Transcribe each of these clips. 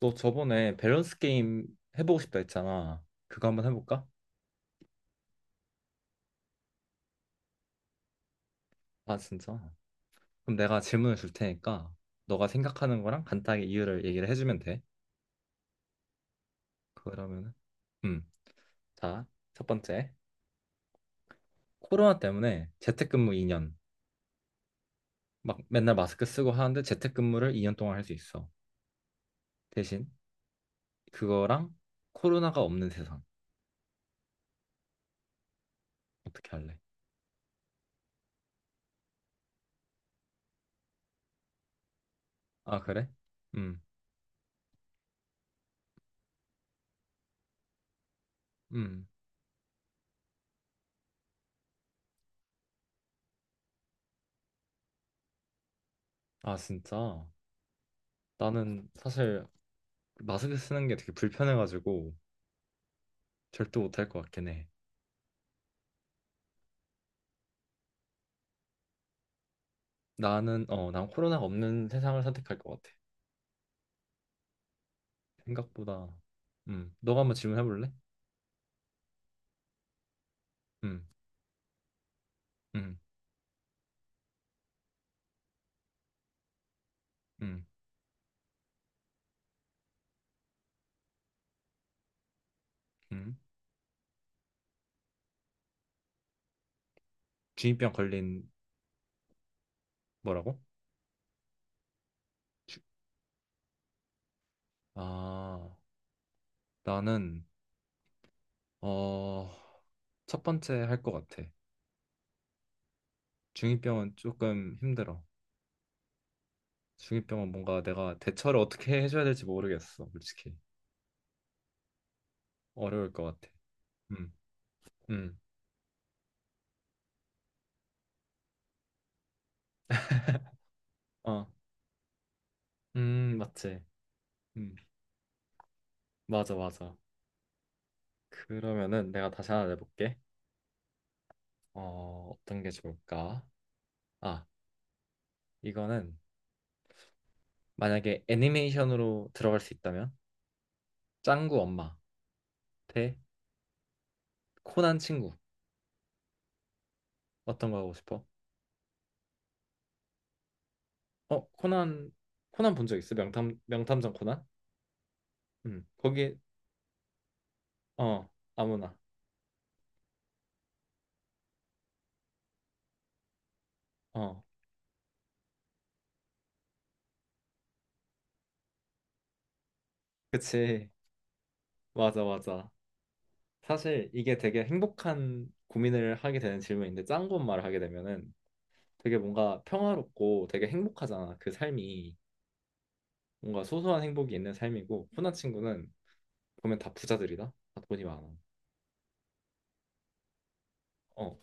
너 저번에 밸런스 게임 해보고 싶다 했잖아. 그거 한번 해볼까? 아, 진짜? 그럼 내가 질문을 줄 테니까 너가 생각하는 거랑 간단하게 이유를 얘기를 해주면 돼. 그러면은, 음, 자, 첫 번째. 코로나 때문에 재택근무 2년. 막 맨날 마스크 쓰고 하는데 재택근무를 2년 동안 할 수 있어. 대신 그거랑 코로나가 없는 세상. 어떻게 할래? 아, 그래? 음, 음. 아, 진짜? 나는 사실 마스크 쓰는 게 되게 불편해가지고 절대 못할 것 같긴 해. 난 코로나가 없는 세상을 선택할 것 같아. 생각보다. 너가 한번 질문해 볼래? 음, 음, 음, 음. 중이병 걸린 뭐라고? 주- 아, 나는 어, 첫 번째 할 것 같아. 중이병은 조금 힘들어. 중이병은 뭔가 내가 대처를 어떻게 해줘야 될지 모르겠어, 솔직히. 어려울 것 같아. 음, 음, 어, 맞지. 음, 맞아, 맞아. 그러면은 내가 다시 하나 내볼게. 어떤 게 좋을까? 아, 이거는 만약에 애니메이션으로 들어갈 수 있다면 짱구 엄마 대 코난 친구 어떤 거 하고 싶어? 어, 코난 코난 본 적 있어? 명탐정 코난? 거기 어 아무나. 어, 그치. 맞아, 맞아. 사실 이게 되게 행복한 고민을 하게 되는 질문인데, 짱구 엄마를 하게 되면은 되게 뭔가 평화롭고 되게 행복하잖아, 그 삶이. 뭔가 소소한 행복이 있는 삶이고, 코난 친구는 보면 다 부자들이다. 다 돈이 많아. 어.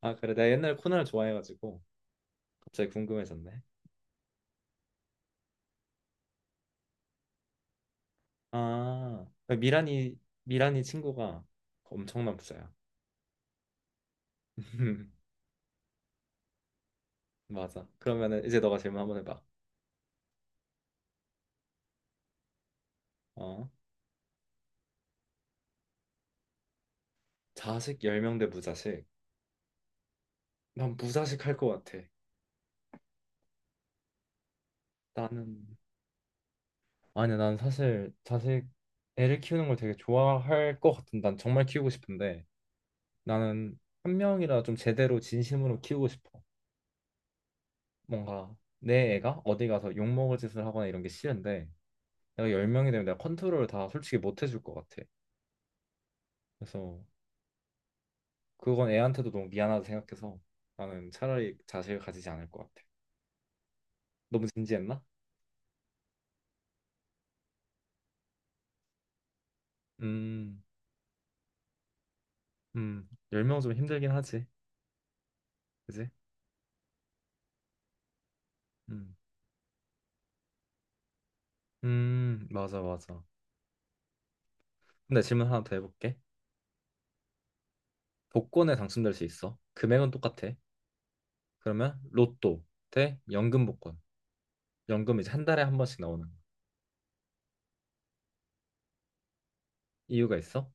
아, 그래. 내가 옛날 코난을 좋아해가지고 갑자기 궁금해졌네. 아, 미란이 미란이 친구가 엄청난 부자야. 맞아. 그러면은 이제 너가 질문 한번 해봐. 어. 자식 10명 대 무자식. 난 무자식 할 것 같아. 나는, 아니, 야, 난 사실 자식, 애를 키우는 걸 되게 좋아할 것 같은. 난 정말 키우고 싶은데, 나는 한 명이라 좀 제대로 진심으로 키우고 싶어. 뭔가 내 애가 어디 가서 욕먹을 짓을 하거나 이런 게 싫은데, 내가 열 명이 되면 내가 컨트롤을 다 솔직히 못 해줄 것 같아. 그래서 그건 애한테도 너무 미안하다 생각해서 나는 차라리 자식을 가지지 않을 것 같아. 너무 진지했나? 음, 열 명 좀 힘들긴 하지. 그지? 음, 맞아, 맞아. 근데 질문 하나 더 해볼게. 복권에 당첨될 수 있어. 금액은 똑같아. 그러면 로또 대 연금 복권. 연금, 이제 한 달에 한 번씩 나오는 거. 이유가 있어?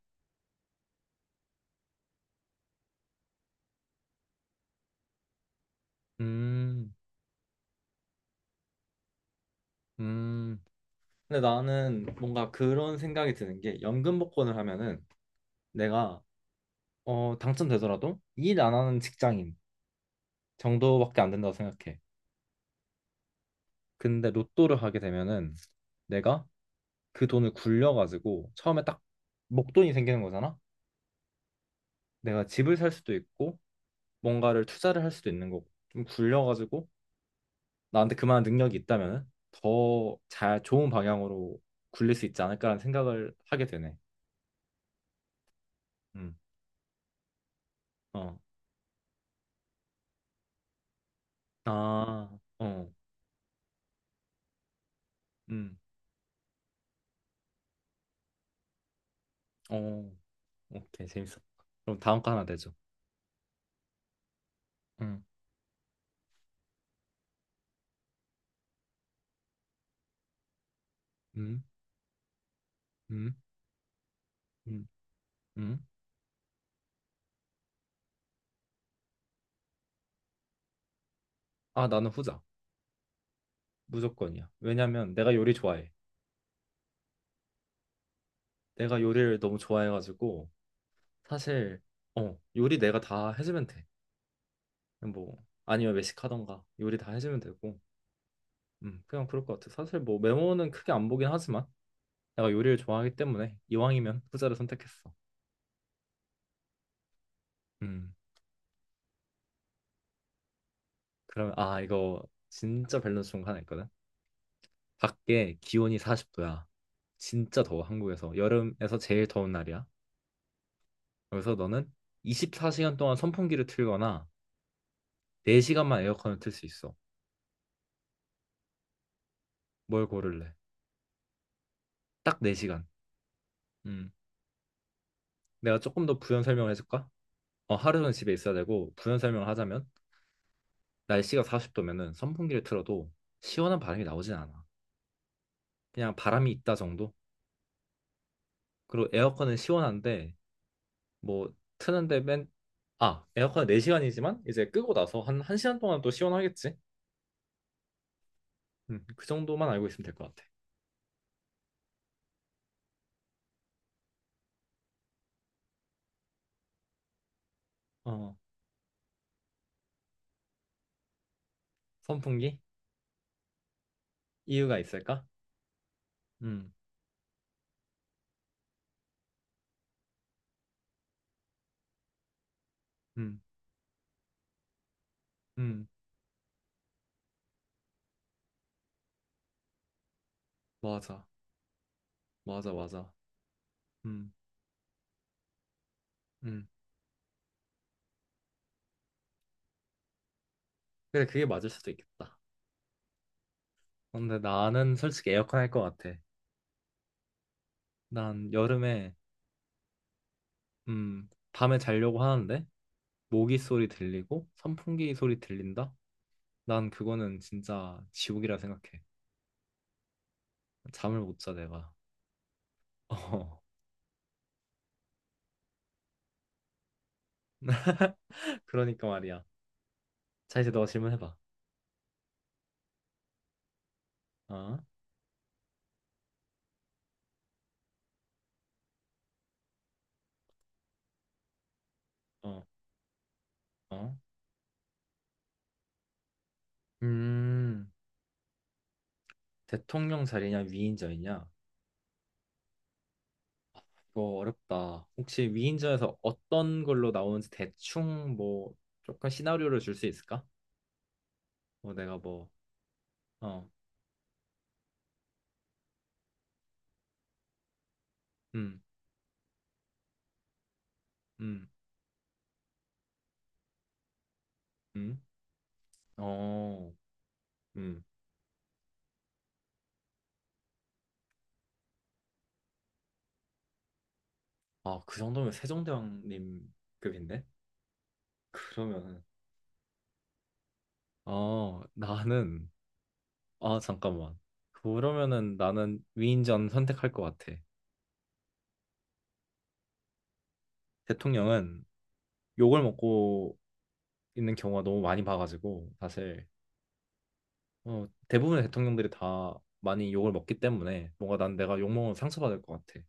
음, 음. 근데 나는 뭔가 그런 생각이 드는 게, 연금 복권을 하면은 내가 당첨되더라도 일 안 하는 직장인 정도밖에 안 된다고 생각해. 근데 로또를 하게 되면은 내가 그 돈을 굴려가지고 처음에 딱 목돈이 생기는 거잖아. 내가 집을 살 수도 있고 뭔가를 투자를 할 수도 있는 거고, 좀 굴려가지고 나한테 그만한 능력이 있다면은 더 잘, 좋은 방향으로 굴릴 수 있지 않을까라는 생각을 하게 되네. 음. 어. 아. 어. 음. 어, 오케이, 재밌어. 그럼 다음 거 하나 내줘. 응, 응, 응, 응, 응. 아, 나는 후자. 무조건이야. 왜냐면 내가 요리 좋아해. 내가 요리를 너무 좋아해가지고 사실 요리 내가 다 해주면 돼. 뭐 아니면 외식하던가 요리 다 해주면 되고, 그냥 그럴 것 같아. 사실 뭐 메모는 크게 안 보긴 하지만 내가 요리를 좋아하기 때문에 이왕이면 후자를 선택했어. 음, 그러면 아, 이거 진짜 밸런스 좋은 거 하나 있거든. 밖에 기온이 40도야. 진짜 더워, 한국에서. 여름에서 제일 더운 날이야. 그래서 너는 24시간 동안 선풍기를 틀거나 4시간만 에어컨을 틀 수 있어. 뭘 고를래? 딱 4시간. 음. 내가 조금 더 부연 설명을 해줄까? 어, 하루는 집에 있어야 되고, 부연 설명을 하자면, 날씨가 40도면은 선풍기를 틀어도 시원한 바람이 나오진 않아. 그냥 바람이 있다 정도? 그리고 에어컨은 시원한데, 뭐, 트는데 아, 에어컨은 4시간이지만, 이제 끄고 나서 한 1시간 동안 또 시원하겠지? 그 정도만 알고 있으면 될 것 같아. 어, 선풍기? 이유가 있을까? 음, 음, 음, 맞아, 맞아, 맞아. 음, 음. 근데 그게 맞을 수도 있겠다. 근데 나는 솔직히 에어컨 할 것 같아. 난 여름에, 밤에 자려고 하는데, 모기 소리 들리고, 선풍기 소리 들린다? 난 그거는 진짜 지옥이라 생각해. 잠을 못 자, 내가. 어, 그러니까 말이야. 자, 이제 너 질문해봐. 어, 어, 어. 음. 대통령 자리냐, 위인전이냐? 이거 어렵다. 혹시 위인전에서 어떤 걸로 나오는지 대충, 뭐 조금 시나리오를 줄 수 있을까? 뭐 내가 뭐 어, 음, 음, 음, 어, 음. 아, 그 정도면 세종대왕님 급인데? 그러면은 나는, 아, 잠깐만. 그러면은 나는 위인전 선택할 것 같아. 대통령은 욕을 먹고 있는 경우가 너무 많이 봐가지고, 사실 대부분의 대통령들이 다 많이 욕을 먹기 때문에 뭔가 난 내가 욕먹으면 상처받을 것 같아.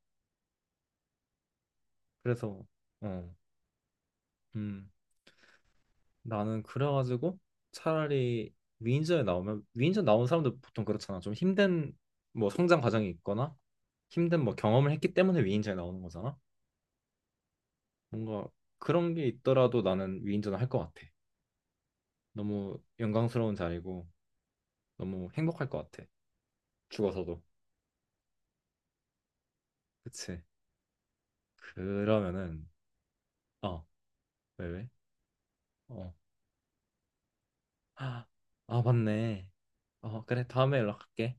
그래서 어, 음, 나는 그래가지고 차라리 위인전에, 나오면 위인전 나온 사람들 보통 그렇잖아. 좀 힘든 뭐 성장 과정이 있거나 힘든 뭐 경험을 했기 때문에 위인전에 나오는 거잖아. 뭔가 그런 게 있더라도 나는 위인전을 할 것 같아. 너무 영광스러운 자리고 너무 행복할 것 같아. 죽어서도. 그치? 그러면은 어, 왜, 왜? 어. 아, 아, 맞네. 어, 그래. 다음에 연락할게.